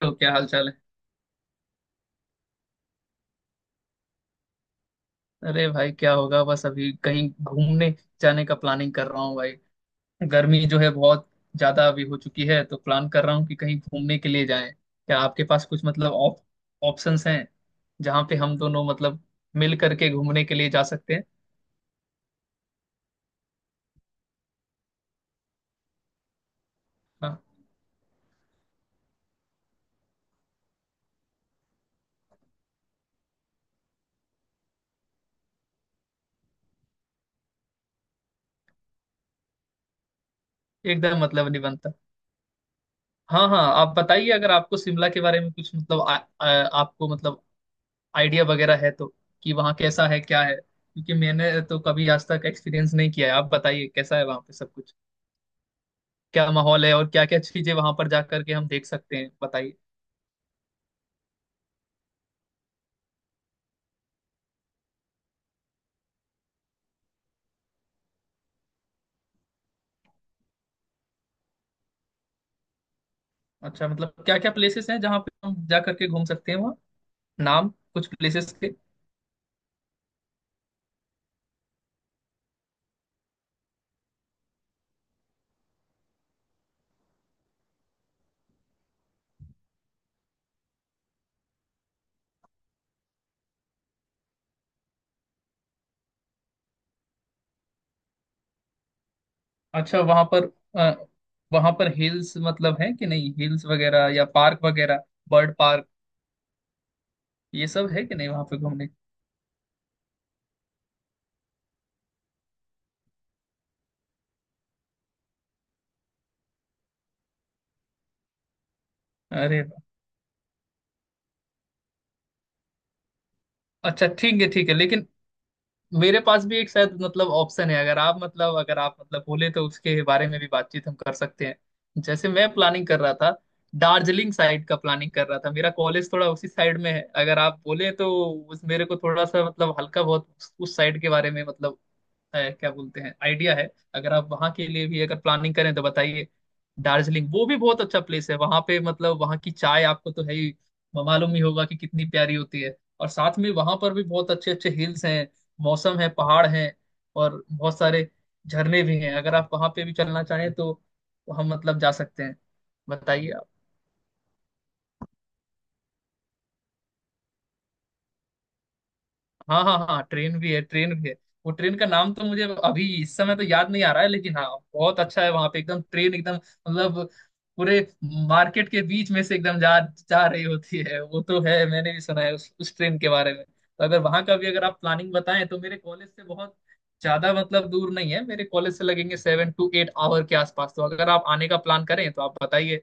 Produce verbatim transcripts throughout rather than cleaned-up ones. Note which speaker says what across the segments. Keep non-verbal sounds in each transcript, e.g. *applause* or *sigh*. Speaker 1: तो क्या हाल चाल है? अरे भाई क्या होगा, बस अभी कहीं घूमने जाने का प्लानिंग कर रहा हूँ भाई। गर्मी जो है बहुत ज्यादा अभी हो चुकी है, तो प्लान कर रहा हूँ कि कहीं घूमने के लिए जाएं। क्या आपके पास कुछ मतलब ऑप, ऑप्शंस हैं जहाँ पे हम दोनों मतलब मिल करके घूमने के लिए जा सकते हैं? हाँ, एकदम मतलब नहीं बनता। हाँ हाँ, आप बताइए अगर आपको शिमला के बारे में कुछ मतलब आ, आ, आपको मतलब आइडिया वगैरह है तो कि वहाँ कैसा है क्या है, क्योंकि मैंने तो कभी आज तक एक्सपीरियंस नहीं किया है। आप बताइए कैसा है वहाँ पे सब कुछ। क्या माहौल है और क्या क्या चीजें वहां पर जा करके हम देख सकते हैं, बताइए। अच्छा मतलब क्या क्या प्लेसेस हैं जहाँ पे हम जा करके घूम सकते हैं वहाँ, नाम कुछ प्लेसेस के। अच्छा, वहां पर अ, वहां पर हिल्स मतलब है कि नहीं, हिल्स वगैरह या पार्क वगैरह, बर्ड पार्क, ये सब है कि नहीं वहां पे घूमने? अरे वाह। अच्छा ठीक है ठीक है, लेकिन मेरे पास भी एक शायद मतलब ऑप्शन है। अगर आप मतलब अगर आप मतलब बोले तो उसके बारे में भी बातचीत हम कर सकते हैं। जैसे मैं प्लानिंग कर रहा था, दार्जिलिंग साइड का प्लानिंग कर रहा था। मेरा कॉलेज थोड़ा उसी साइड में है। अगर आप बोले तो उस मेरे को थोड़ा सा मतलब हल्का बहुत उस साइड के बारे में मतलब है क्या बोलते हैं आइडिया है। अगर आप वहां के लिए भी अगर प्लानिंग करें तो बताइए। दार्जिलिंग वो भी बहुत अच्छा प्लेस है। वहां पे मतलब वहां की चाय आपको तो है ही मालूम ही होगा कि कितनी प्यारी होती है। और साथ में वहां पर भी बहुत अच्छे अच्छे हिल्स हैं, मौसम है, पहाड़ हैं, और बहुत सारे झरने भी हैं। अगर आप वहां पे भी चलना चाहें तो हम मतलब जा सकते हैं, बताइए। हाँ हाँ हाँ, ट्रेन भी है, ट्रेन भी है। वो ट्रेन का नाम तो मुझे अभी इस समय तो याद नहीं आ रहा है, लेकिन हाँ बहुत अच्छा है। वहां पे एकदम ट्रेन एकदम मतलब पूरे मार्केट के बीच में से एकदम जा जा रही होती है। वो तो है, मैंने भी सुना है उस, उस ट्रेन के बारे में। तो अगर वहां का भी अगर आप प्लानिंग बताएं तो मेरे कॉलेज से बहुत ज्यादा मतलब दूर नहीं है। मेरे कॉलेज से लगेंगे सेवन टू एट आवर के आसपास। तो अगर आप आने का प्लान करें तो आप बताइए,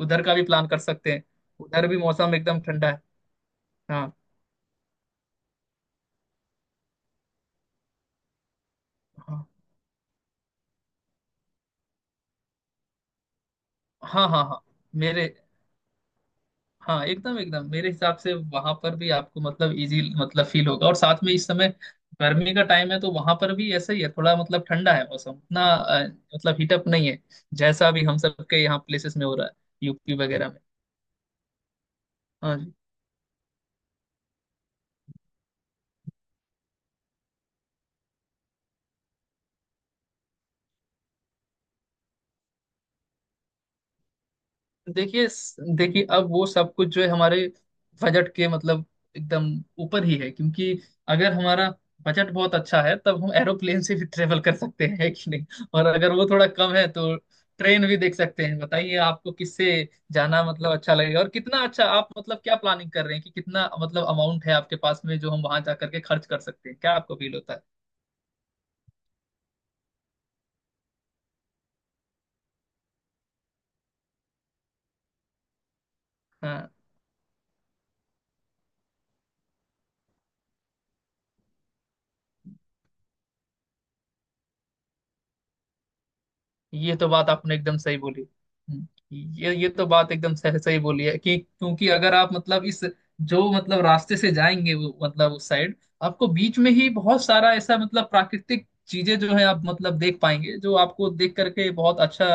Speaker 1: उधर का भी प्लान कर सकते हैं। उधर भी मौसम एकदम ठंडा है। हाँ, हाँ, हाँ, हाँ, हाँ, मेरे हाँ, एकदम एकदम मेरे हिसाब से वहां पर भी आपको मतलब इजी मतलब फील होगा। और साथ में इस समय गर्मी का टाइम है तो वहां पर भी ऐसा ही है। थोड़ा मतलब ठंडा है मौसम, उतना अ, मतलब हीटअप नहीं है जैसा भी हम सबके यहाँ प्लेसेस में हो रहा है, यूपी वगैरह में। हाँ, देखिए देखिए अब वो सब कुछ जो है हमारे बजट के मतलब एकदम ऊपर ही है। क्योंकि अगर हमारा बजट बहुत अच्छा है तब हम एरोप्लेन से भी ट्रेवल कर सकते हैं, है कि नहीं? और अगर वो थोड़ा कम है तो ट्रेन भी देख सकते हैं। बताइए आपको किससे जाना मतलब अच्छा लगेगा, और कितना अच्छा आप मतलब क्या प्लानिंग कर रहे हैं, कि कितना मतलब अमाउंट है आपके पास में जो हम वहां जा करके खर्च कर सकते हैं, क्या आपको फील होता है? हाँ, ये तो बात आपने एकदम सही बोली। हम्म, ये ये तो बात एकदम सही सही बोली है, कि क्योंकि अगर आप मतलब इस जो मतलब रास्ते से जाएंगे, वो मतलब उस साइड आपको बीच में ही बहुत सारा ऐसा मतलब प्राकृतिक चीजें जो है आप मतलब देख पाएंगे, जो आपको देख करके बहुत अच्छा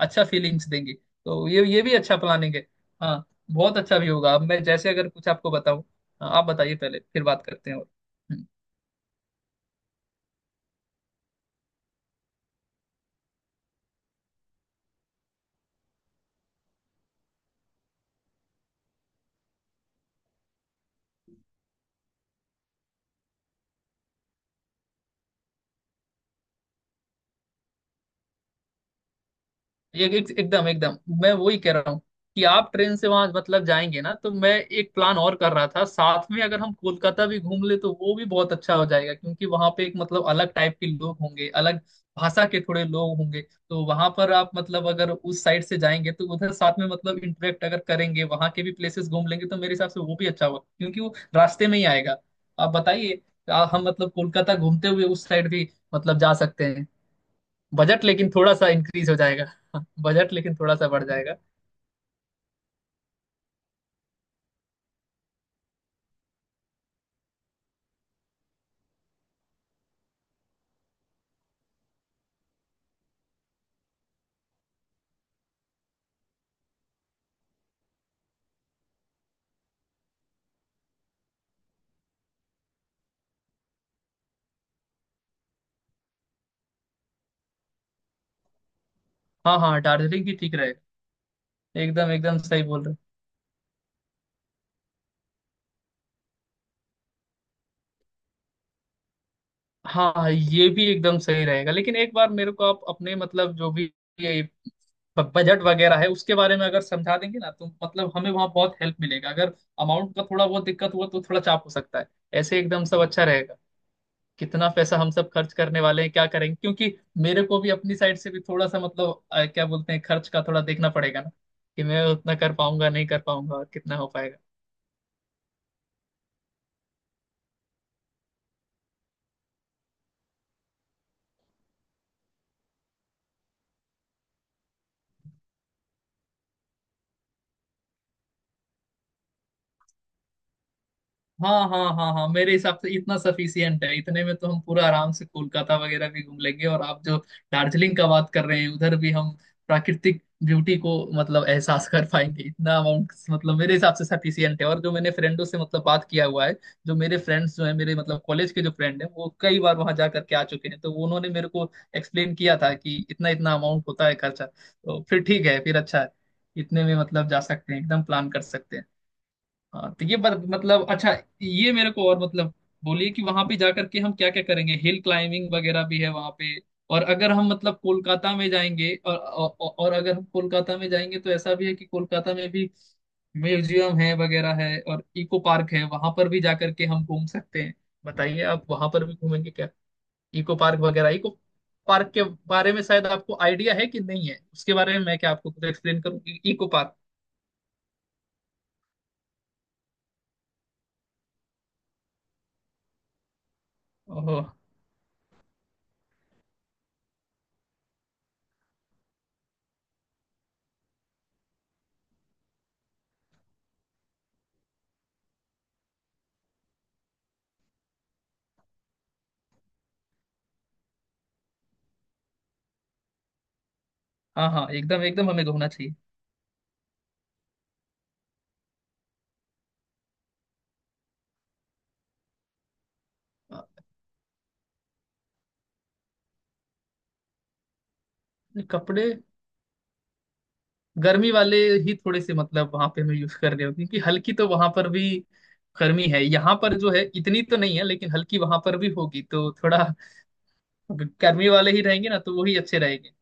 Speaker 1: अच्छा फीलिंग्स देंगे। तो ये ये भी अच्छा प्लानिंग है। हाँ, बहुत अच्छा भी होगा। अब मैं जैसे अगर कुछ आपको बताऊं, हाँ, आप बताइए पहले फिर बात करते हैं। और हम्म। एक, एक एकदम एकदम मैं वही कह रहा हूँ कि आप ट्रेन से वहां मतलब जाएंगे ना, तो मैं एक प्लान और कर रहा था। साथ में अगर हम कोलकाता भी घूम ले तो वो भी बहुत अच्छा हो जाएगा क्योंकि वहां पे एक मतलब अलग टाइप के लोग होंगे, अलग भाषा के थोड़े लोग होंगे। तो वहां पर आप मतलब अगर उस साइड से जाएंगे तो उधर साथ में मतलब इंटरेक्ट अगर करेंगे, वहां के भी प्लेसेस घूम लेंगे, तो मेरे हिसाब से वो भी अच्छा होगा क्योंकि वो रास्ते में ही आएगा। आप बताइए, आ- हम मतलब कोलकाता घूमते हुए उस साइड भी मतलब जा सकते हैं। बजट लेकिन थोड़ा सा इंक्रीज हो जाएगा। *laughs* बजट लेकिन थोड़ा सा बढ़ जाएगा। हाँ हाँ, दार्जिलिंग भी ठीक रहेगा। एकदम एकदम सही बोल रहे हो। हाँ हाँ, ये भी एकदम सही रहेगा, लेकिन एक बार मेरे को आप अपने मतलब जो भी ये ब- बजट वगैरह है उसके बारे में अगर समझा देंगे ना, तो मतलब हमें वहाँ बहुत हेल्प मिलेगा। अगर अमाउंट का थोड़ा बहुत दिक्कत हुआ तो थोड़ा चाप हो सकता है, ऐसे एकदम सब अच्छा रहेगा। कितना पैसा हम सब खर्च करने वाले हैं, क्या करेंगे, क्योंकि मेरे को भी अपनी साइड से भी थोड़ा सा मतलब अ, क्या बोलते हैं, खर्च का थोड़ा देखना पड़ेगा ना कि मैं उतना कर पाऊंगा नहीं कर पाऊंगा और कितना हो पाएगा। हाँ हाँ हाँ हाँ, मेरे हिसाब से इतना सफिशियंट है। इतने में तो हम पूरा आराम से कोलकाता वगैरह भी घूम लेंगे, और आप जो दार्जिलिंग का बात कर रहे हैं उधर भी हम प्राकृतिक ब्यूटी को मतलब एहसास कर पाएंगे। इतना अमाउंट मतलब मेरे हिसाब से सफिशियंट है, और जो मैंने फ्रेंडों से मतलब बात किया हुआ है, जो मेरे फ्रेंड्स जो है, मेरे मतलब कॉलेज के जो फ्रेंड हैं, वो कई बार वहां जा करके आ चुके हैं, तो उन्होंने मेरे को एक्सप्लेन किया था कि इतना इतना अमाउंट होता है खर्चा, तो फिर ठीक है फिर अच्छा है। इतने में मतलब जा सकते हैं, एकदम प्लान कर सकते हैं। हाँ तो ये बात मतलब अच्छा, ये मेरे को और मतलब बोलिए कि वहां पे जाकर के हम क्या क्या करेंगे, हिल क्लाइंबिंग वगैरह भी है वहां पे? और अगर हम मतलब कोलकाता में जाएंगे और, और और अगर हम कोलकाता में जाएंगे तो ऐसा भी है कि कोलकाता में भी म्यूजियम है वगैरह है और इको पार्क है, वहां पर भी जाकर के हम घूम सकते हैं। बताइए आप वहां पर भी घूमेंगे क्या, इको पार्क वगैरह? इको पार्क के बारे में शायद आपको आइडिया है कि नहीं है, उसके बारे में मैं क्या आपको कुछ एक्सप्लेन करूँ, इको पार्क? ओह, हाँ हाँ, एकदम एकदम हमें घूमना चाहिए। कपड़े गर्मी वाले ही थोड़े से मतलब वहां पे हमें यूज कर रहे हो, क्योंकि हल्की तो वहां पर भी गर्मी है। यहाँ पर जो है इतनी तो नहीं है, लेकिन हल्की वहां पर भी होगी, तो थोड़ा गर्मी वाले ही रहेंगे ना, तो वही अच्छे रहेंगे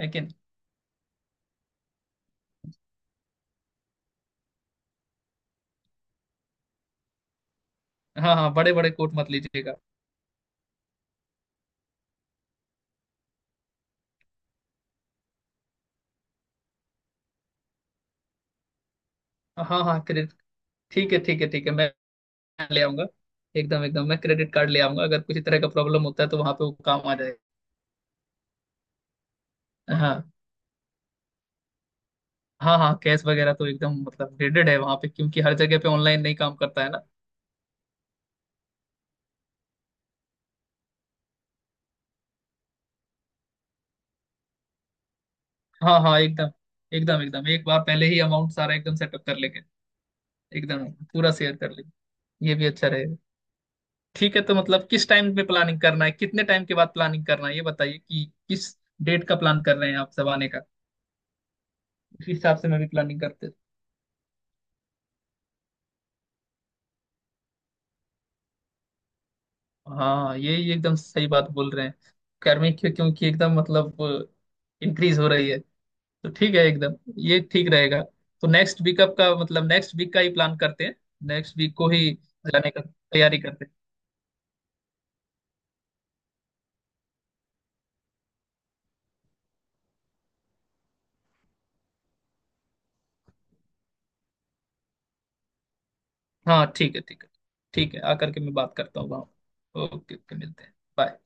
Speaker 1: लेकिन। हाँ हाँ, बड़े बड़े कोट मत लीजिएगा। हाँ हाँ क्रेडिट, ठीक है ठीक है ठीक है, मैं ले आऊंगा। एकदम एकदम, मैं क्रेडिट कार्ड ले आऊंगा, अगर किसी तरह का प्रॉब्लम होता है तो वहां पे वो काम आ जाएगा। हाँ हाँ हाँ, कैश वगैरह तो एकदम मतलब ग्रेडेड है वहां पे, क्योंकि हर जगह पे ऑनलाइन नहीं काम करता है ना। हाँ हाँ, एकदम एकदम एकदम एक बार पहले ही अमाउंट सारा एकदम सेटअप कर लेंगे। एकदम पूरा शेयर कर लेंगे, ये भी अच्छा रहेगा। ठीक है, तो मतलब किस टाइम पे प्लानिंग करना है, कितने टाइम के बाद प्लानिंग करना है, ये बताइए कि किस डेट का प्लान कर रहे हैं आप सब आने का, उसी हिसाब से मैं भी प्लानिंग करते... हाँ, ये ये एकदम सही बात बोल रहे हैं। गर्मी, क्यों क्योंकि एकदम मतलब इंक्रीज हो रही है, तो ठीक है एकदम, ये ठीक रहेगा। तो नेक्स्ट वीकअप का मतलब नेक्स्ट वीक का ही प्लान करते हैं। नेक्स्ट वीक को ही जाने का तैयारी करते हैं। हाँ ठीक है ठीक है, ठीक है आकर के मैं बात करता हूँ वहाँ। ओके ओके, मिलते हैं, बाय।